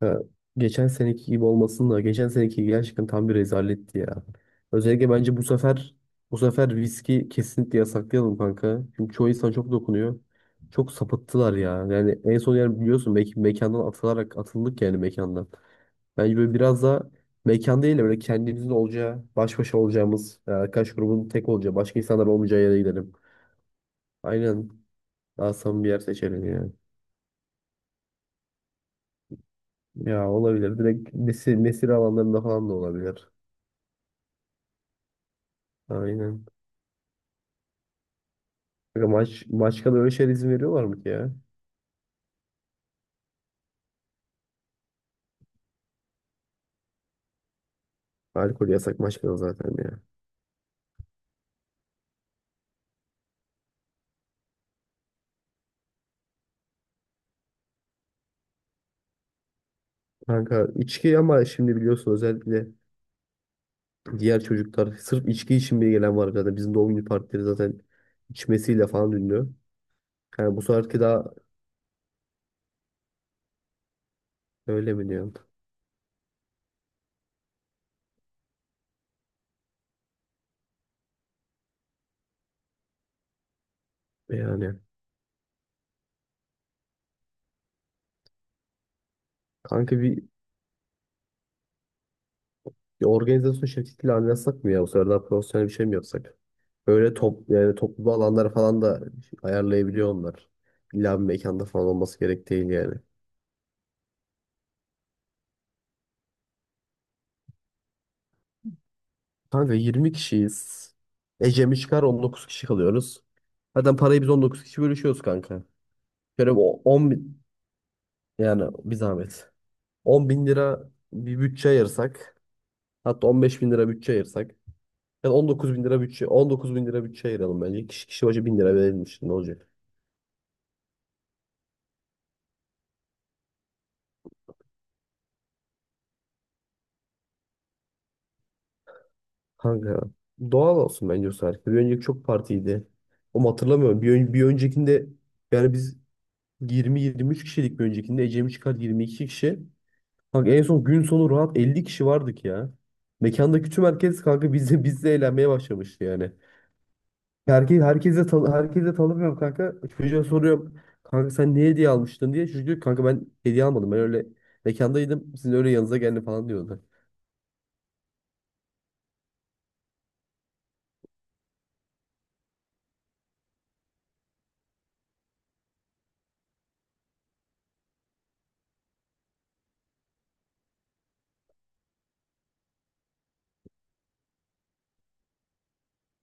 Ha, geçen seneki gibi olmasın da geçen seneki gerçekten tam bir rezaletti ya. Özellikle bence bu sefer viski kesinlikle yasaklayalım kanka. Çünkü çoğu insan çok dokunuyor. Çok sapıttılar ya. Yani en son yani biliyorsun mekandan atılarak atıldık yani mekandan. Bence böyle biraz da mekan değil de böyle kendimizin olacağı, baş başa olacağımız, yani arkadaş grubunun tek olacağı, başka insanlar olmayacağı yere gidelim. Aynen. Daha samimi bir yer seçelim yani. Ya olabilir. Direkt nesil, nesil alanlarında falan da olabilir. Aynen. Kanka maçkada öyle şeyler izin veriyorlar mı ki ya? Alkol yasak maçkada zaten ya. Kanka içki ama şimdi biliyorsun özellikle diğer çocuklar sırf içki için bile gelen var zaten. Bizim doğum günü partileri zaten içmesiyle falan ünlü. Yani bu seferki daha öyle mi diyorsun? Yani kanka bir organizasyon şirketiyle anlaşsak mı ya? Bu sefer daha profesyonel bir şey mi yapsak? Böyle yani toplu alanlar falan da ayarlayabiliyor onlar. İlla bir mekanda falan olması gerek değil yani. Kanka 20 kişiyiz. Ecem'i çıkar 19 kişi kalıyoruz. Zaten parayı biz 19 kişi bölüşüyoruz kanka. Şöyle 10 bin yani bir zahmet. 10 bin lira bir bütçe ayırsak. Hatta 15 bin lira bütçe ayırsak. Yani 19 bin lira bütçe 19 bin lira bütçe ayıralım bence. Kişi başı bin lira verilmiş ne olacak? Kanka doğal olsun bence o sefer. Bir önceki çok partiydi. Ama hatırlamıyorum. Bir öncekinde yani biz 20-23 kişilik bir öncekinde Ecem'i çıkar 22 kişi. Kanka en son gün sonu rahat 50 kişi vardık ya. Mekandaki tüm herkes kanka bizle eğlenmeye başlamıştı yani. Herkese tanımıyorum kanka. Çocuğa soruyorum. Kanka sen ne hediye almıştın diye. Çocuk diyor ki, kanka ben hediye almadım. Ben öyle mekandaydım. Sizin öyle yanınıza geldim falan diyordu.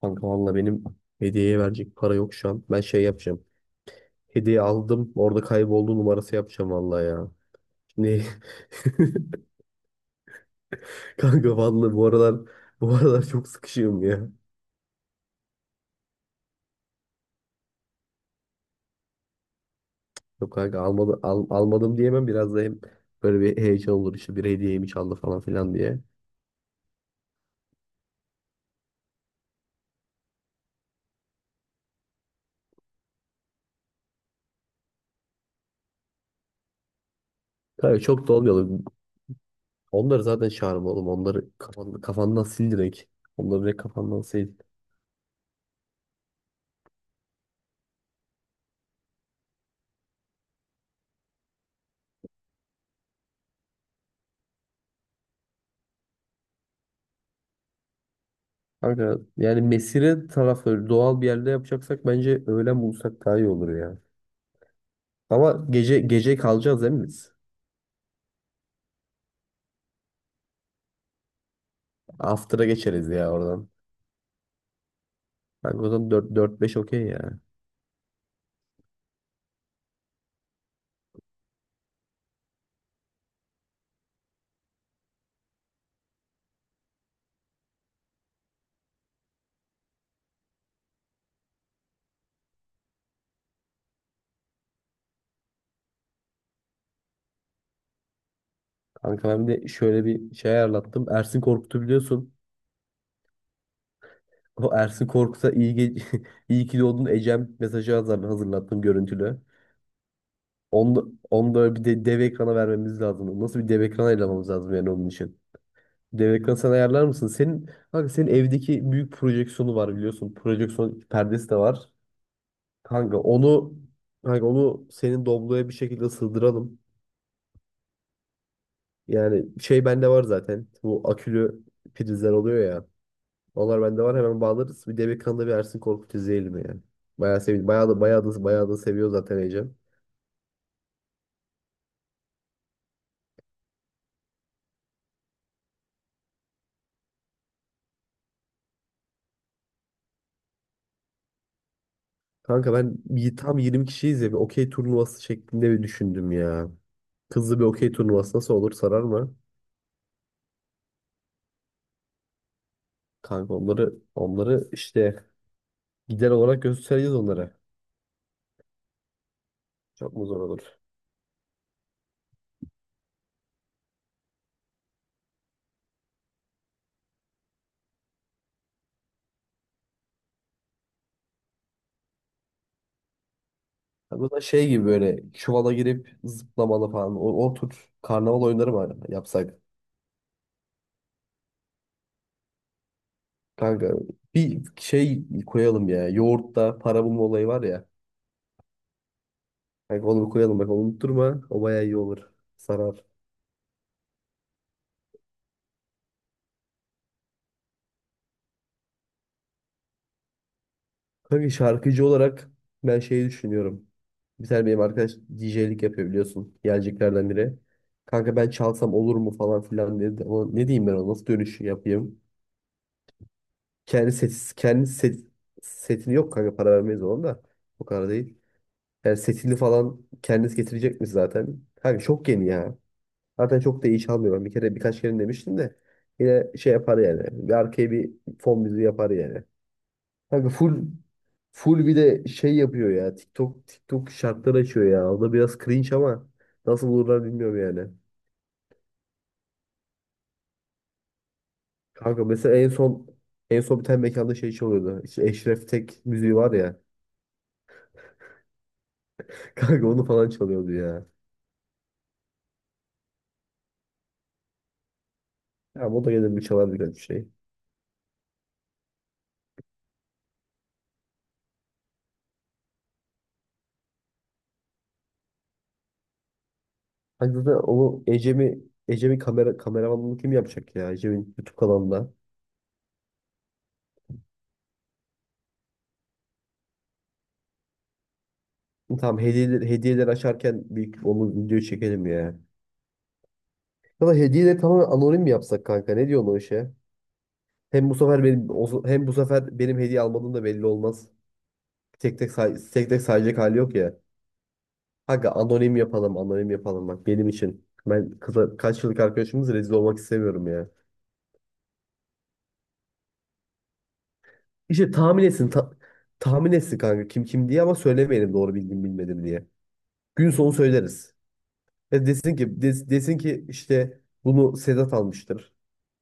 Kanka valla benim hediyeye verecek para yok şu an. Ben şey yapacağım. Hediye aldım. Orada kayboldu numarası yapacağım valla ya. Şimdi kanka valla bu aralar çok sıkışığım ya. Yok kanka almadım diyemem. Biraz da hem böyle bir heyecan olur işte bir hediyeyi mi çaldı falan filan diye. Kanka çok da olmuyor. Onları zaten çağırma oğlum. Onları kafandan sil direkt. Onları direkt kafandan sil. Kanka yani mesire tarafı doğal bir yerde yapacaksak bence öğlen bulsak daha iyi olur ya. Ama gece gece kalacağız değil mi biz? After'a geçeriz ya oradan. Kanka o zaman 4-5 okey ya. Kanka ben bir de şöyle bir şey ayarlattım. Ersin Korkut'u biliyorsun. O Ersin Korkut'a iyi ki doğdun Ecem mesajı hazırlattım görüntülü. Onu, da- onu da bir de dev ekrana vermemiz lazım. Nasıl bir dev ekran ayarlamamız lazım yani onun için. Dev ekran sen ayarlar mısın? Senin, kanka senin evdeki büyük projeksiyonu var biliyorsun. Projeksiyon perdesi de var. Kanka onu kanka onu senin Doblo'ya bir şekilde sığdıralım. Yani şey bende var zaten. Bu akülü prizler oluyor ya. Onlar bende var hemen bağlarız. Bir Demek Han'da bir Ersin Korkut izleyelim yani. Bayağı sevindim. Bayağı da, bayağı da, bayağı da seviyor zaten Ecem. Kanka tam 20 kişiyiz ya bir okey turnuvası şeklinde bir düşündüm ya. Kızlı bir okey turnuvası nasıl olur sarar mı? Kanka onları işte gider olarak göstereceğiz onlara. Çok mu zor olur? Ya bu da şey gibi böyle çuvala girip zıplamalı falan. O tür karnaval oyunları var yapsak. Kanka bir şey koyalım ya. Yoğurtta para bulma olayı var ya. Kanka onu bir koyalım bak onu unutturma. O bayağı iyi olur. Sarar. Kanka şarkıcı olarak ben şeyi düşünüyorum. Bir tane benim arkadaş DJ'lik yapıyor biliyorsun. Geleceklerden biri. Kanka ben çalsam olur mu falan filan dedi. Ama ne diyeyim ben ona nasıl dönüş yapayım? Kendi set, kendi set, setini yok kanka para vermeyiz ona da. O kadar değil. Yani setini falan kendisi getirecek mi zaten? Kanka çok yeni ya. Zaten çok da iyi çalmıyor. Ben bir kere birkaç kere demiştim de. Yine şey yapar yani. Bir arkaya bir fon müziği yapar yani. Kanka full bir de şey yapıyor ya. TikTok şartlar açıyor ya. O da biraz cringe ama nasıl olurlar bilmiyorum yani. Kanka mesela en son bir tane mekanda şey çalıyordu. İşte Eşref Tek müziği var ya. Kanka onu falan çalıyordu ya. Ya o da gelir bir çalar birkaç bir şey. Hani zaten onu Ecem'in kameramanlığını kim yapacak ya? Ecem'in YouTube kanalında. Tamam hediyeleri açarken bir onu video çekelim ya. Ya da hediyeleri tamamen anonim mi yapsak kanka? Ne diyorsun o işe? Hem bu sefer benim hediye almadığım da belli olmaz. Tek tek sayacak hali yok ya. Kanka anonim yapalım, anonim yapalım bak benim için. Ben kıza kaç yıllık arkadaşımız rezil olmak istemiyorum ya. İşte tahmin etsin kanka kim kim diye ama söylemeyelim doğru bildim bilmedim diye. Gün sonu söyleriz. Ya desin ki işte bunu Sedat almıştır.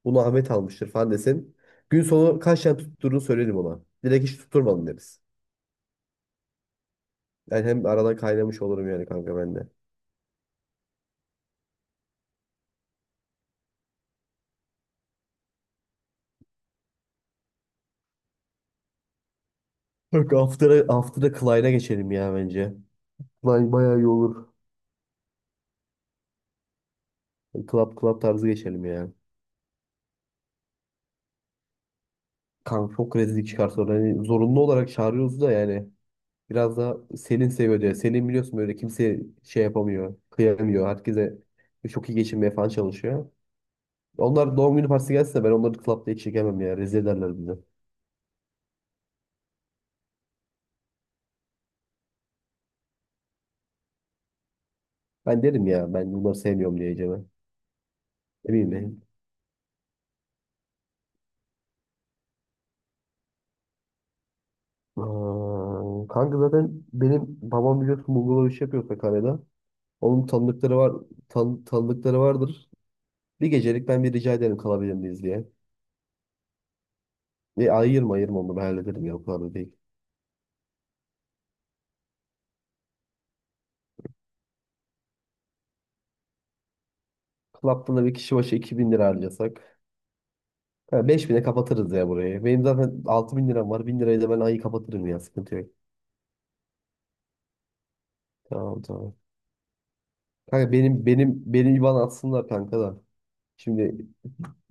Bunu Ahmet almıştır falan desin. Gün sonu kaç tane tutturduğunu söylerim ona. Direkt hiç tutturmadım deriz. Yani hem aradan kaynamış olurum yani kanka ben de. Bak after'a Clyde'a geçelim ya bence. Clyde bayağı iyi olur. Club tarzı geçelim ya. Kanka çok rezillik çıkarsa orada. Yani zorunlu olarak çağırıyoruz da yani. Biraz daha senin seviyor diye. Senin biliyorsun böyle kimse şey yapamıyor. Kıyamıyor. Herkese çok iyi geçinmeye falan çalışıyor. Onlar doğum günü partisi gelse de ben onları club'da hiç çekemem ya. Rezil ederler bizi. Ben derim ya ben bunları sevmiyorum diyeceğime. Ne bileyim ben. Aa, kanka zaten benim babam biliyorsun Bulgur'la iş yapıyor Sakarya'da. Onun tanıdıkları vardır. Bir gecelik ben bir rica ederim kalabilir miyiz diye. E, ayırma ayırma onu ben hallederim ya o kadar da değil. Club'da da bir kişi başı 2000 lira harcasak. Ha, 5000'e kapatırız ya burayı. Benim zaten 6.000 liram var. 1.000 lirayı da ben ayı kapatırım ya sıkıntı yok. Tamam tamam. Kanka benim IBAN atsınlar kanka da. Şimdi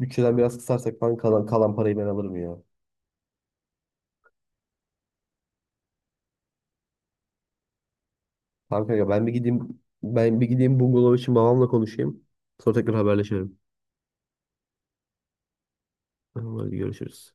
bütçeden biraz kısarsak falan kalan parayı ben alırım ya. Tamam kanka ben bir gideyim bungalov için babamla konuşayım. Sonra tekrar haberleşelim. Tamam, hadi görüşürüz.